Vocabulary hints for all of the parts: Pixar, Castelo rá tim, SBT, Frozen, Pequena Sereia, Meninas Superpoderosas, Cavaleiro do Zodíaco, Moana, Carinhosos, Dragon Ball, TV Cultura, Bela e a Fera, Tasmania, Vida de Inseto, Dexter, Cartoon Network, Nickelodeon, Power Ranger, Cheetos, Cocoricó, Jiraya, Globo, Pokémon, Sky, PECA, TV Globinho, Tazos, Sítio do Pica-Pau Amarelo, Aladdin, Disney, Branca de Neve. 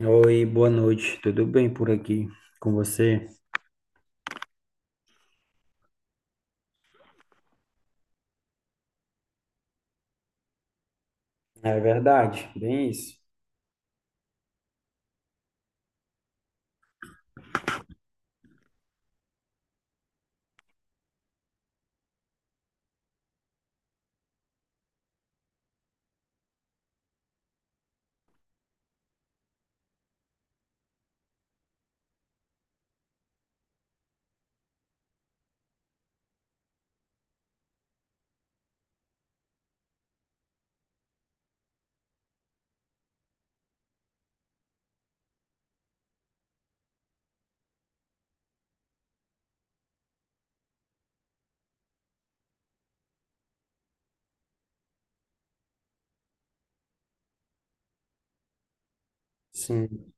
Oi, boa noite. Tudo bem por aqui com você? É verdade, bem isso. Sim.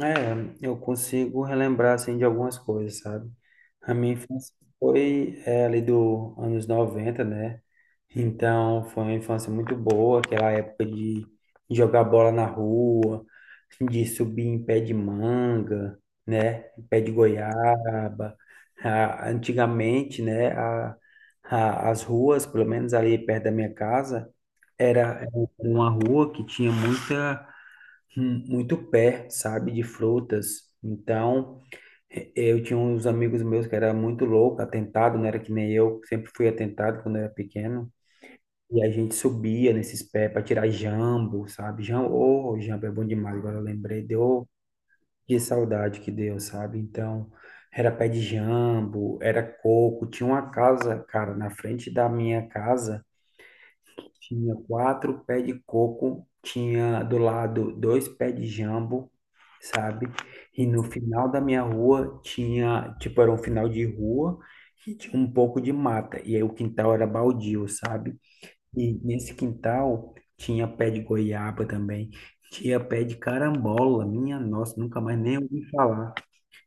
É, eu consigo relembrar, assim, de algumas coisas, sabe? A minha infância foi, é, ali do anos 90, né? Então, foi uma infância muito boa, aquela época de jogar bola na rua, de subir em pé de manga, né? Em pé de goiaba. Ah, antigamente, né? As ruas, pelo menos ali perto da minha casa, era uma rua que tinha muita muito pé, sabe, de frutas. Então, eu tinha uns amigos meus que era muito louco, atentado, não era que nem eu, sempre fui atentado quando eu era pequeno. E a gente subia nesses pés para tirar jambo, sabe? Jambo, oh, jambo é bom demais, agora eu lembrei, deu, que saudade que deu, sabe? Então, era pé de jambo, era coco, tinha uma casa, cara, na frente da minha casa tinha quatro pés de coco, tinha do lado dois pés de jambo, sabe? E no final da minha rua tinha, tipo, era um final de rua e tinha um pouco de mata. E aí o quintal era baldio, sabe? E nesse quintal tinha pé de goiaba também, tinha pé de carambola, minha nossa, nunca mais nem ouvi falar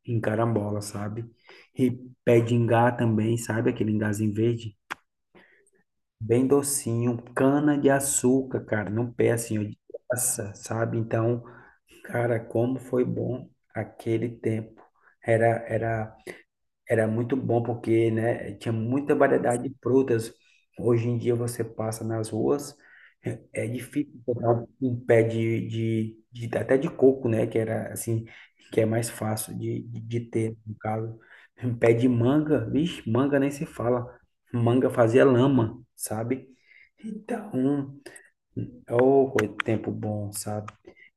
em carambola, sabe? E pé de ingá também, sabe? Aquele ingazinho verde. Bem docinho, cana de açúcar, cara, no pé assim, ó, de graça, sabe? Então, cara, como foi bom aquele tempo. Era, era era muito bom porque, né, tinha muita variedade de frutas. Hoje em dia você passa nas ruas, é difícil encontrar um pé até de coco, né, que era assim, que é mais fácil de ter, no caso. Um pé de manga, vixe, manga nem se fala. Manga fazia lama, sabe? Então, ô, oh, tempo bom, sabe?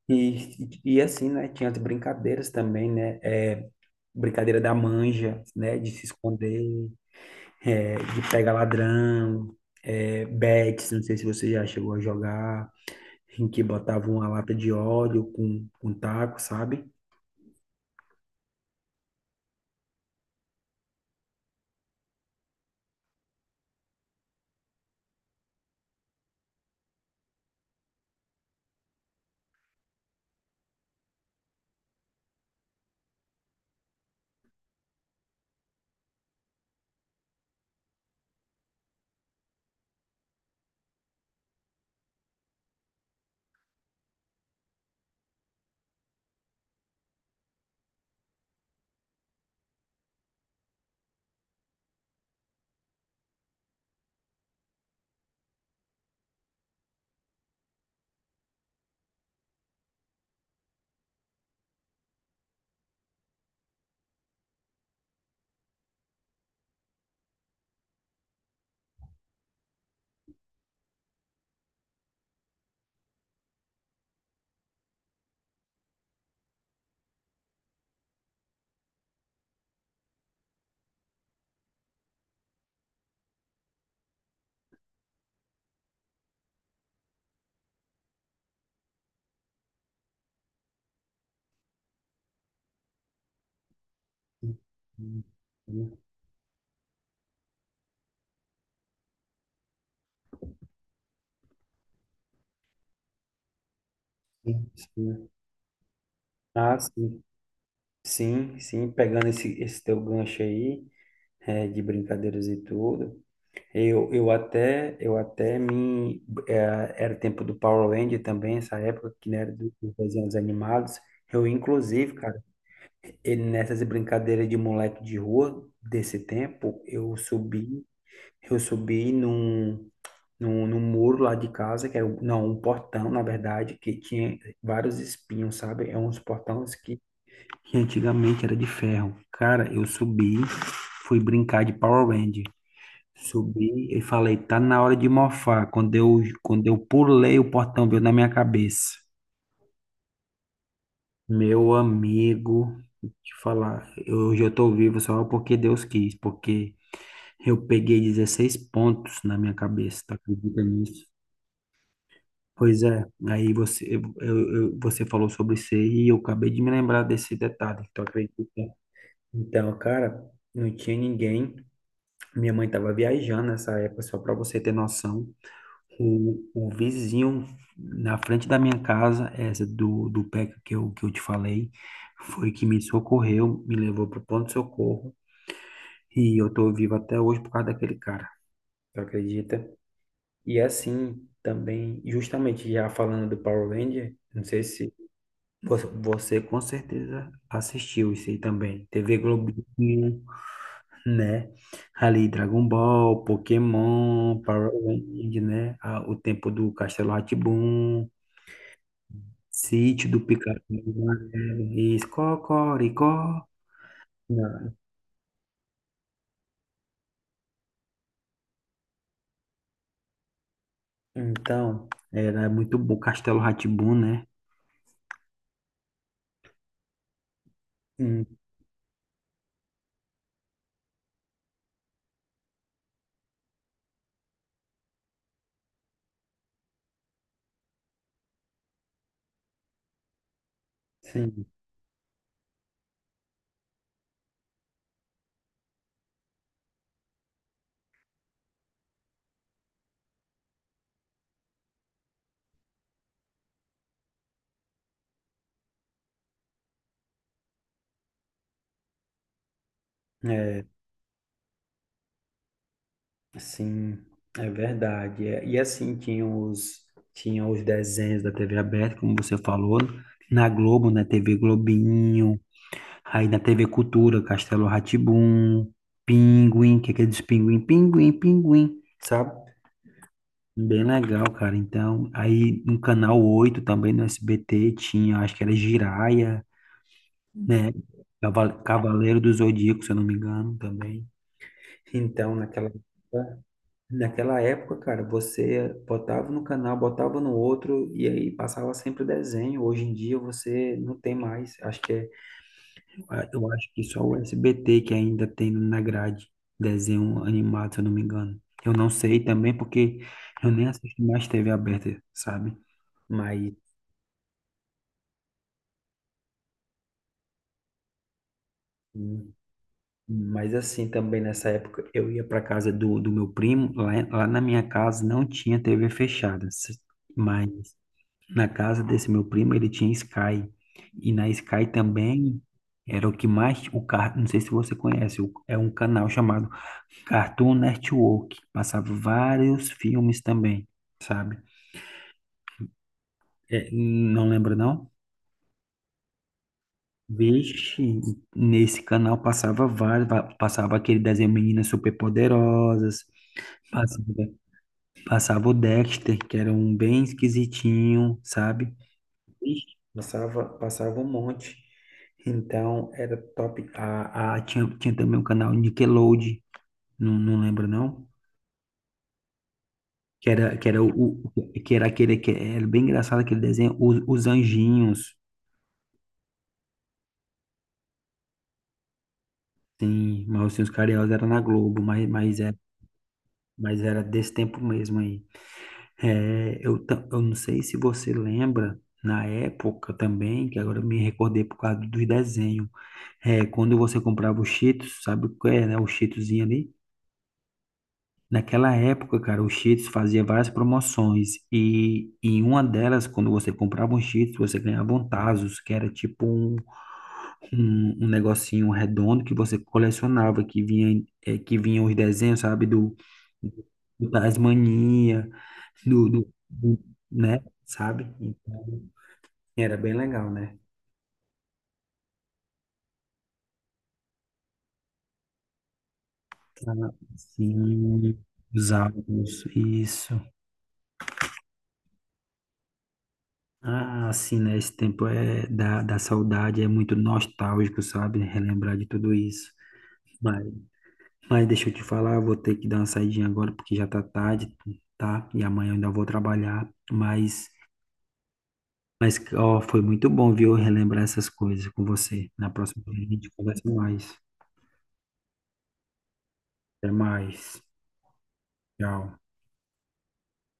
E, e assim, né? Tinha as brincadeiras também, né? É, brincadeira da manja, né? De se esconder, é, de pegar ladrão, é, bets, não sei se você já chegou a jogar, em que botava uma lata de óleo com taco, sabe? Sim, sim, sim. Ah, sim, sim, sim, pegando esse teu gancho aí, é, de brincadeiras e tudo. Eu até me, eh, era tempo do Power Ranger também, essa época que né, era dos desenhos animados. Eu, inclusive, cara, e nessas brincadeiras de moleque de rua desse tempo, eu subi num muro lá de casa, que era, não, um portão, na verdade, que tinha vários espinhos, sabe? É uns portões que antigamente era de ferro. Cara, eu subi, fui brincar de Power Ranger. Subi e falei, tá na hora de mofar. Quando eu pulei, o portão veio na minha cabeça. Meu amigo, te falar, hoje eu tô vivo só porque Deus quis, porque eu peguei 16 pontos na minha cabeça, tá acredita nisso? Pois é, aí você, você falou sobre isso aí e eu acabei de me lembrar desse detalhe, tu acredita? Então, cara, não tinha ninguém, minha mãe tava viajando nessa época, só pra você ter noção. O vizinho na frente da minha casa, essa do PECA que eu te falei, foi que me socorreu, me levou para o ponto de socorro e eu tô vivo até hoje por causa daquele cara. Tu acredita? E assim também, justamente já falando do Power Ranger, não sei se você com certeza assistiu isso aí também. TV Globinho, né? Ali Dragon Ball, Pokémon, Power Ranger, né? Ah, o tempo do Castelo rá tim Sítio do Pica-Pau Amarelo, isso, Cocoricó. Não. Então, era muito bom, Castelo rá né? Hum, sim, é, sim, é verdade. É, e assim, tinha os desenhos da TV aberta, como você falou, na Globo, na TV Globinho, aí na TV Cultura, Castelo rá Pinguim, que é aquele dos pinguim, pinguim, pinguim, sabe? Bem legal, cara. Então, aí no canal 8 também no SBT tinha, acho que era Jiraya, né? Cavaleiro do Zodíaco, se eu não me engano, também. Então, naquela época, cara, você botava no canal, botava no outro e aí passava sempre desenho. Hoje em dia você não tem mais. Acho que é ah, Eu acho que só o SBT que ainda tem na grade desenho animado, se eu não me engano. Eu não sei também porque eu nem assisto mais TV aberta, sabe? Mas, mas assim, também nessa época eu ia para casa do meu primo, lá na minha casa não tinha TV fechada, mas na casa desse meu primo ele tinha Sky. E na Sky também era o que mais, não sei se você conhece, é um canal chamado Cartoon Network. Passava vários filmes também, sabe? É, não lembra, não? Vixe, nesse canal passava vários. Passava aquele desenho Meninas Superpoderosas. Passava, passava o Dexter, que era um bem esquisitinho, sabe? Vixe, passava um monte. Então, era top. Tinha também o canal Nickelodeon. Não, não lembra, não? Que era, que era, o, que era aquele que era bem engraçado aquele desenho, os anjinhos, sim, mas assim, os Carinhosos era na Globo, mas era desse tempo mesmo aí. É, eu não sei se você lembra, na época também, que agora eu me recordei por causa dos desenhos, é, quando você comprava o Cheetos, sabe o que é, né, o Cheetoszinho ali? Naquela época, cara, o Cheetos fazia várias promoções e, em uma delas, quando você comprava um Cheetos, você ganhava um Tazos, que era tipo um negocinho redondo que você colecionava, que vinha, é, que vinha os desenhos, sabe, do Tasmania, do, do, do- né, sabe? Então, era bem legal, né? Ah, sim, os álbuns, isso. Ah, assim, né, esse tempo é da saudade, é muito nostálgico, sabe? Relembrar de tudo isso. Mas, mas deixa eu te falar, eu vou ter que dar uma saidinha agora, porque já tá tarde, tá? E amanhã eu ainda vou trabalhar, mas, ó, foi muito bom, viu, relembrar essas coisas com você. Na próxima vez a gente conversa mais. Até mais. Tchau.